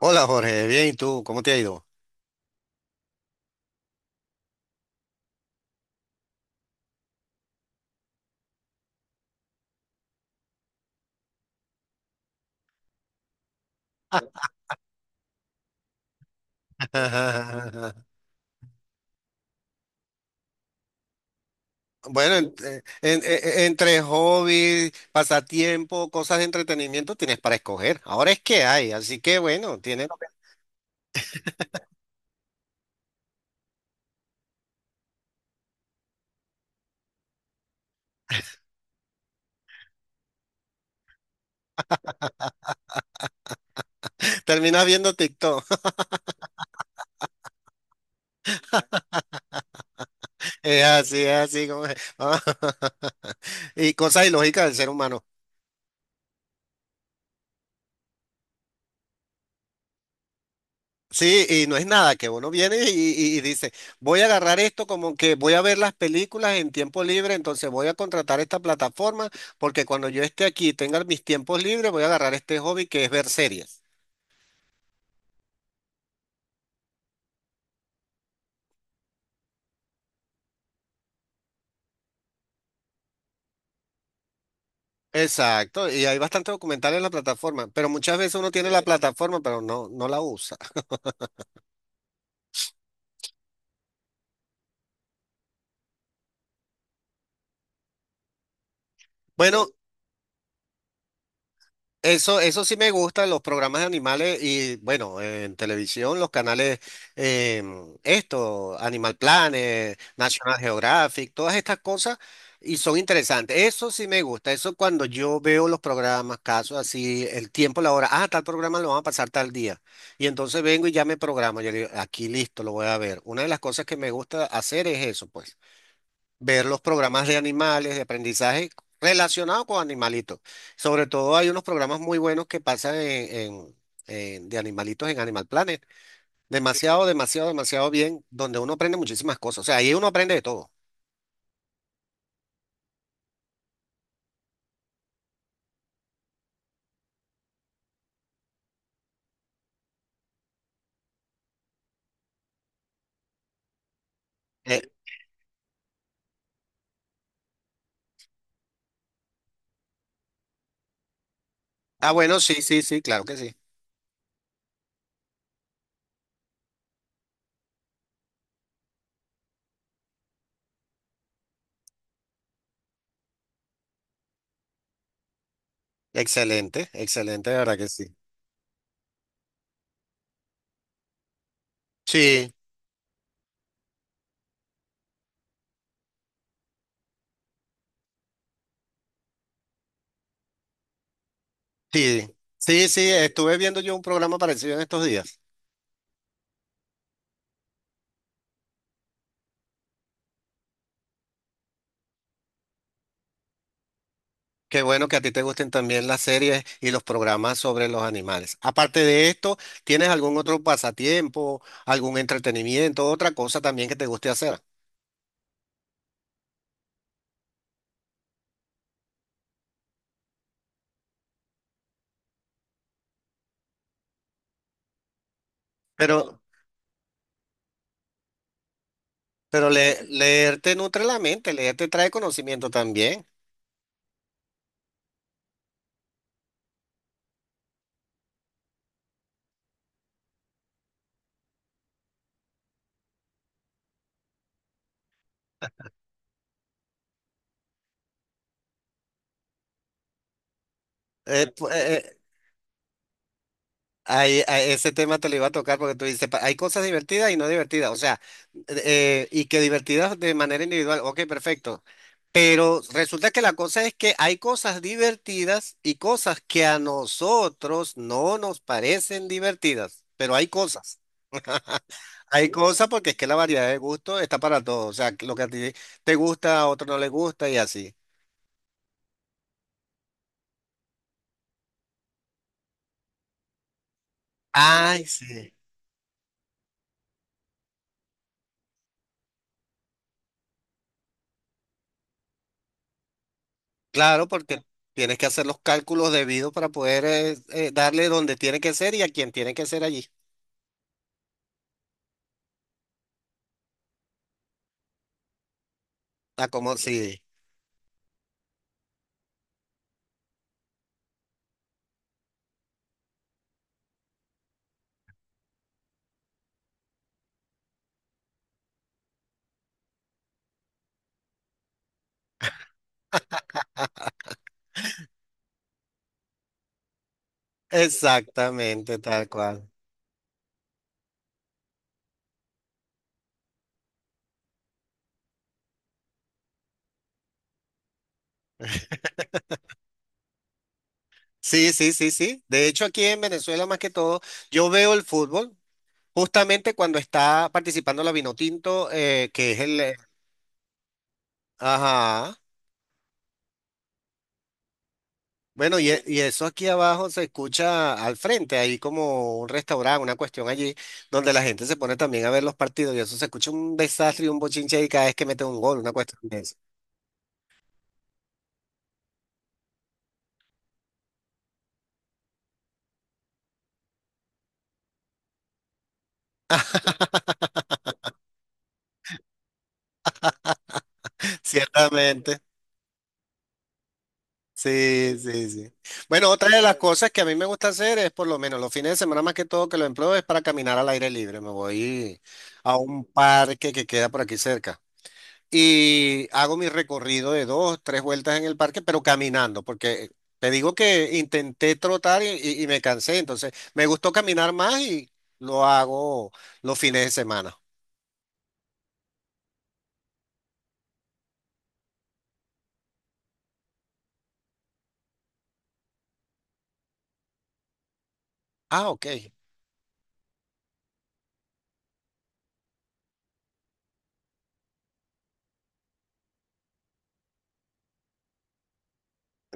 Hola Jorge, bien, ¿y tú? ¿Cómo te ha ido? Bueno, entre hobbies, pasatiempo, cosas de entretenimiento tienes para escoger. Ahora es que hay, así que bueno, tienes, terminas viendo TikTok. Es así como es. Y cosas ilógicas del ser humano. Sí, y no es nada, que uno viene y dice, voy a agarrar esto como que voy a ver las películas en tiempo libre, entonces voy a contratar esta plataforma porque cuando yo esté aquí y tenga mis tiempos libres, voy a agarrar este hobby que es ver series. Exacto, y hay bastantes documentales en la plataforma, pero muchas veces uno tiene la plataforma, pero no, no la usa. Bueno. Eso sí me gusta, los programas de animales y bueno, en televisión, los canales, esto, Animal Planet, National Geographic, todas estas cosas y son interesantes. Eso sí me gusta, eso cuando yo veo los programas, casos así, el tiempo, la hora, ah, tal programa lo van a pasar tal día. Y entonces vengo y ya me programo, yo digo, aquí listo, lo voy a ver. Una de las cosas que me gusta hacer es eso, pues ver los programas de animales, de aprendizaje relacionado con animalitos. Sobre todo hay unos programas muy buenos que pasan de animalitos en Animal Planet. Demasiado, demasiado, demasiado bien, donde uno aprende muchísimas cosas. O sea, ahí uno aprende de todo. Eh, bueno, sí, sí, sí, claro que sí. Excelente, excelente, de verdad que sí. Sí, sí, sí, sí, estuve viendo yo un programa parecido en estos días. Qué bueno que a ti te gusten también las series y los programas sobre los animales. Aparte de esto, ¿tienes algún otro pasatiempo, algún entretenimiento, otra cosa también que te guste hacer? Pero, pero leer te nutre la mente, leer te trae conocimiento también. Eh, pu- eh, a ese tema te lo iba a tocar porque tú dices, pa- hay cosas divertidas y no divertidas, o sea, y que divertidas de manera individual, ok, perfecto, pero resulta que la cosa es que hay cosas divertidas y cosas que a nosotros no nos parecen divertidas, pero hay cosas. Hay cosas porque es que la variedad de gusto está para todos, o sea, lo que a ti te gusta, a otro no le gusta y así. Ay, sí. Claro, porque tienes que hacer los cálculos debidos para poder darle donde tiene que ser y a quien tiene que ser allí. A como sí, exactamente, tal cual. Sí, sí, sí, sí. De hecho, aquí en Venezuela, más que todo, yo veo el fútbol justamente cuando está participando la Vinotinto, que es el. Ajá. Bueno, y eso aquí abajo se escucha al frente, ahí como un restaurante, una cuestión allí, donde la gente se pone también a ver los partidos y eso se escucha un desastre y un bochinche ahí cada vez que mete un gol, una cuestión de eso. Ciertamente. Sí, sí, sí. Bueno, otra de las cosas que a mí me gusta hacer es por lo menos los fines de semana más que todo que lo empleo es para caminar al aire libre. Me voy a un parque que queda por aquí cerca. Y hago mi recorrido de dos, tres vueltas en el parque, pero caminando, porque te digo que intenté trotar y me cansé, entonces me gustó caminar más y lo hago los fines de semana. Ah, ok,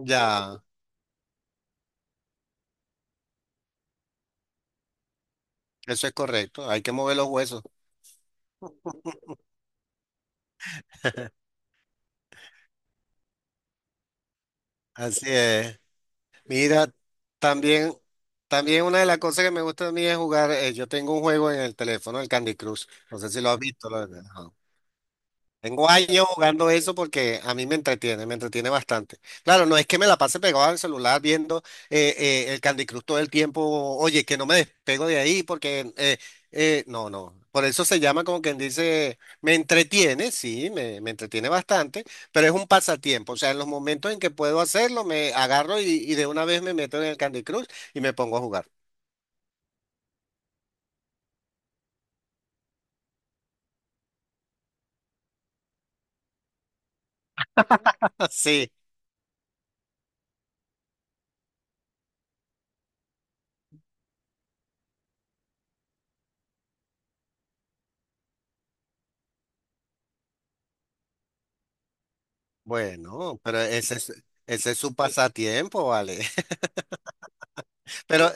ya, eso es correcto, hay que mover los huesos. Así es. Mira, también, también una de las cosas que me gusta a mí es jugar. Yo tengo un juego en el teléfono, el Candy Crush. No sé si lo has visto. Lo- ajá. Tengo años jugando eso porque a mí me entretiene bastante. Claro, no es que me la pase pegado al celular viendo el Candy Crush todo el tiempo, oye, que no me despego de ahí porque, no, no. Por eso se llama como quien dice, me entretiene, sí, me entretiene bastante, pero es un pasatiempo. O sea, en los momentos en que puedo hacerlo, me agarro y de una vez me meto en el Candy Crush y me pongo a jugar. Sí, bueno, pero ese es su pasatiempo, vale. Pero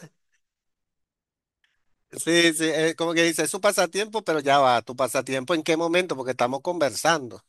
sí, sí, como que dice, es su pasatiempo, pero ya va, ¿tu pasatiempo en qué momento? Porque estamos conversando.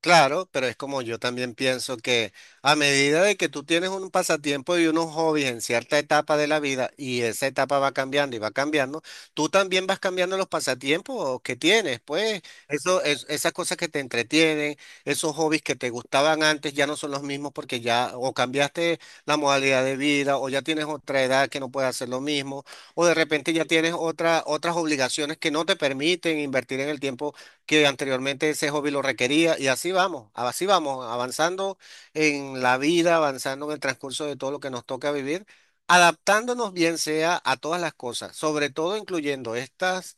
Claro, pero es como yo también pienso que a medida de que tú tienes un pasatiempo y unos hobbies en cierta etapa de la vida y esa etapa va cambiando y va cambiando, tú también vas cambiando los pasatiempos que tienes, pues eso, es, esas cosas que te entretienen, esos hobbies que te gustaban antes ya no son los mismos porque ya o cambiaste la modalidad de vida o ya tienes otra edad que no puedes hacer lo mismo o de repente ya tienes otra, otras obligaciones que no te permiten invertir en el tiempo que anteriormente ese hobby lo requería y así vamos, avanzando en la vida, avanzando en el transcurso de todo lo que nos toca vivir, adaptándonos bien sea a todas las cosas, sobre todo incluyendo estas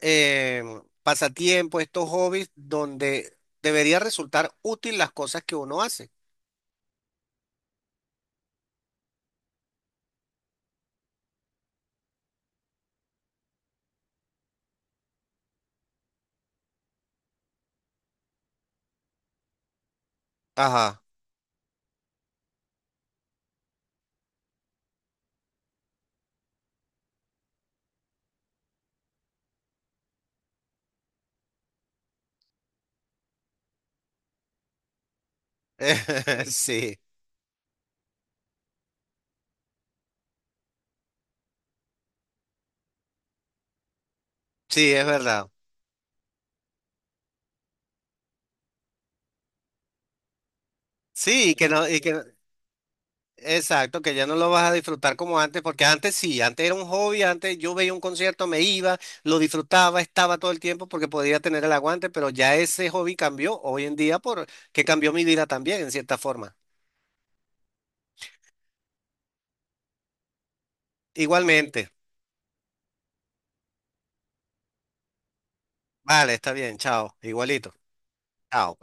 eh, pasatiempos, estos hobbies donde debería resultar útil las cosas que uno hace. Ajá, sí, sí, es verdad. Sí, y que no, y que exacto, que ya no lo vas a disfrutar como antes, porque antes sí, antes era un hobby, antes yo veía un concierto, me iba, lo disfrutaba, estaba todo el tiempo porque podía tener el aguante, pero ya ese hobby cambió hoy en día por que cambió mi vida también, en cierta forma. Igualmente. Vale, está bien, chao, igualito. Chao.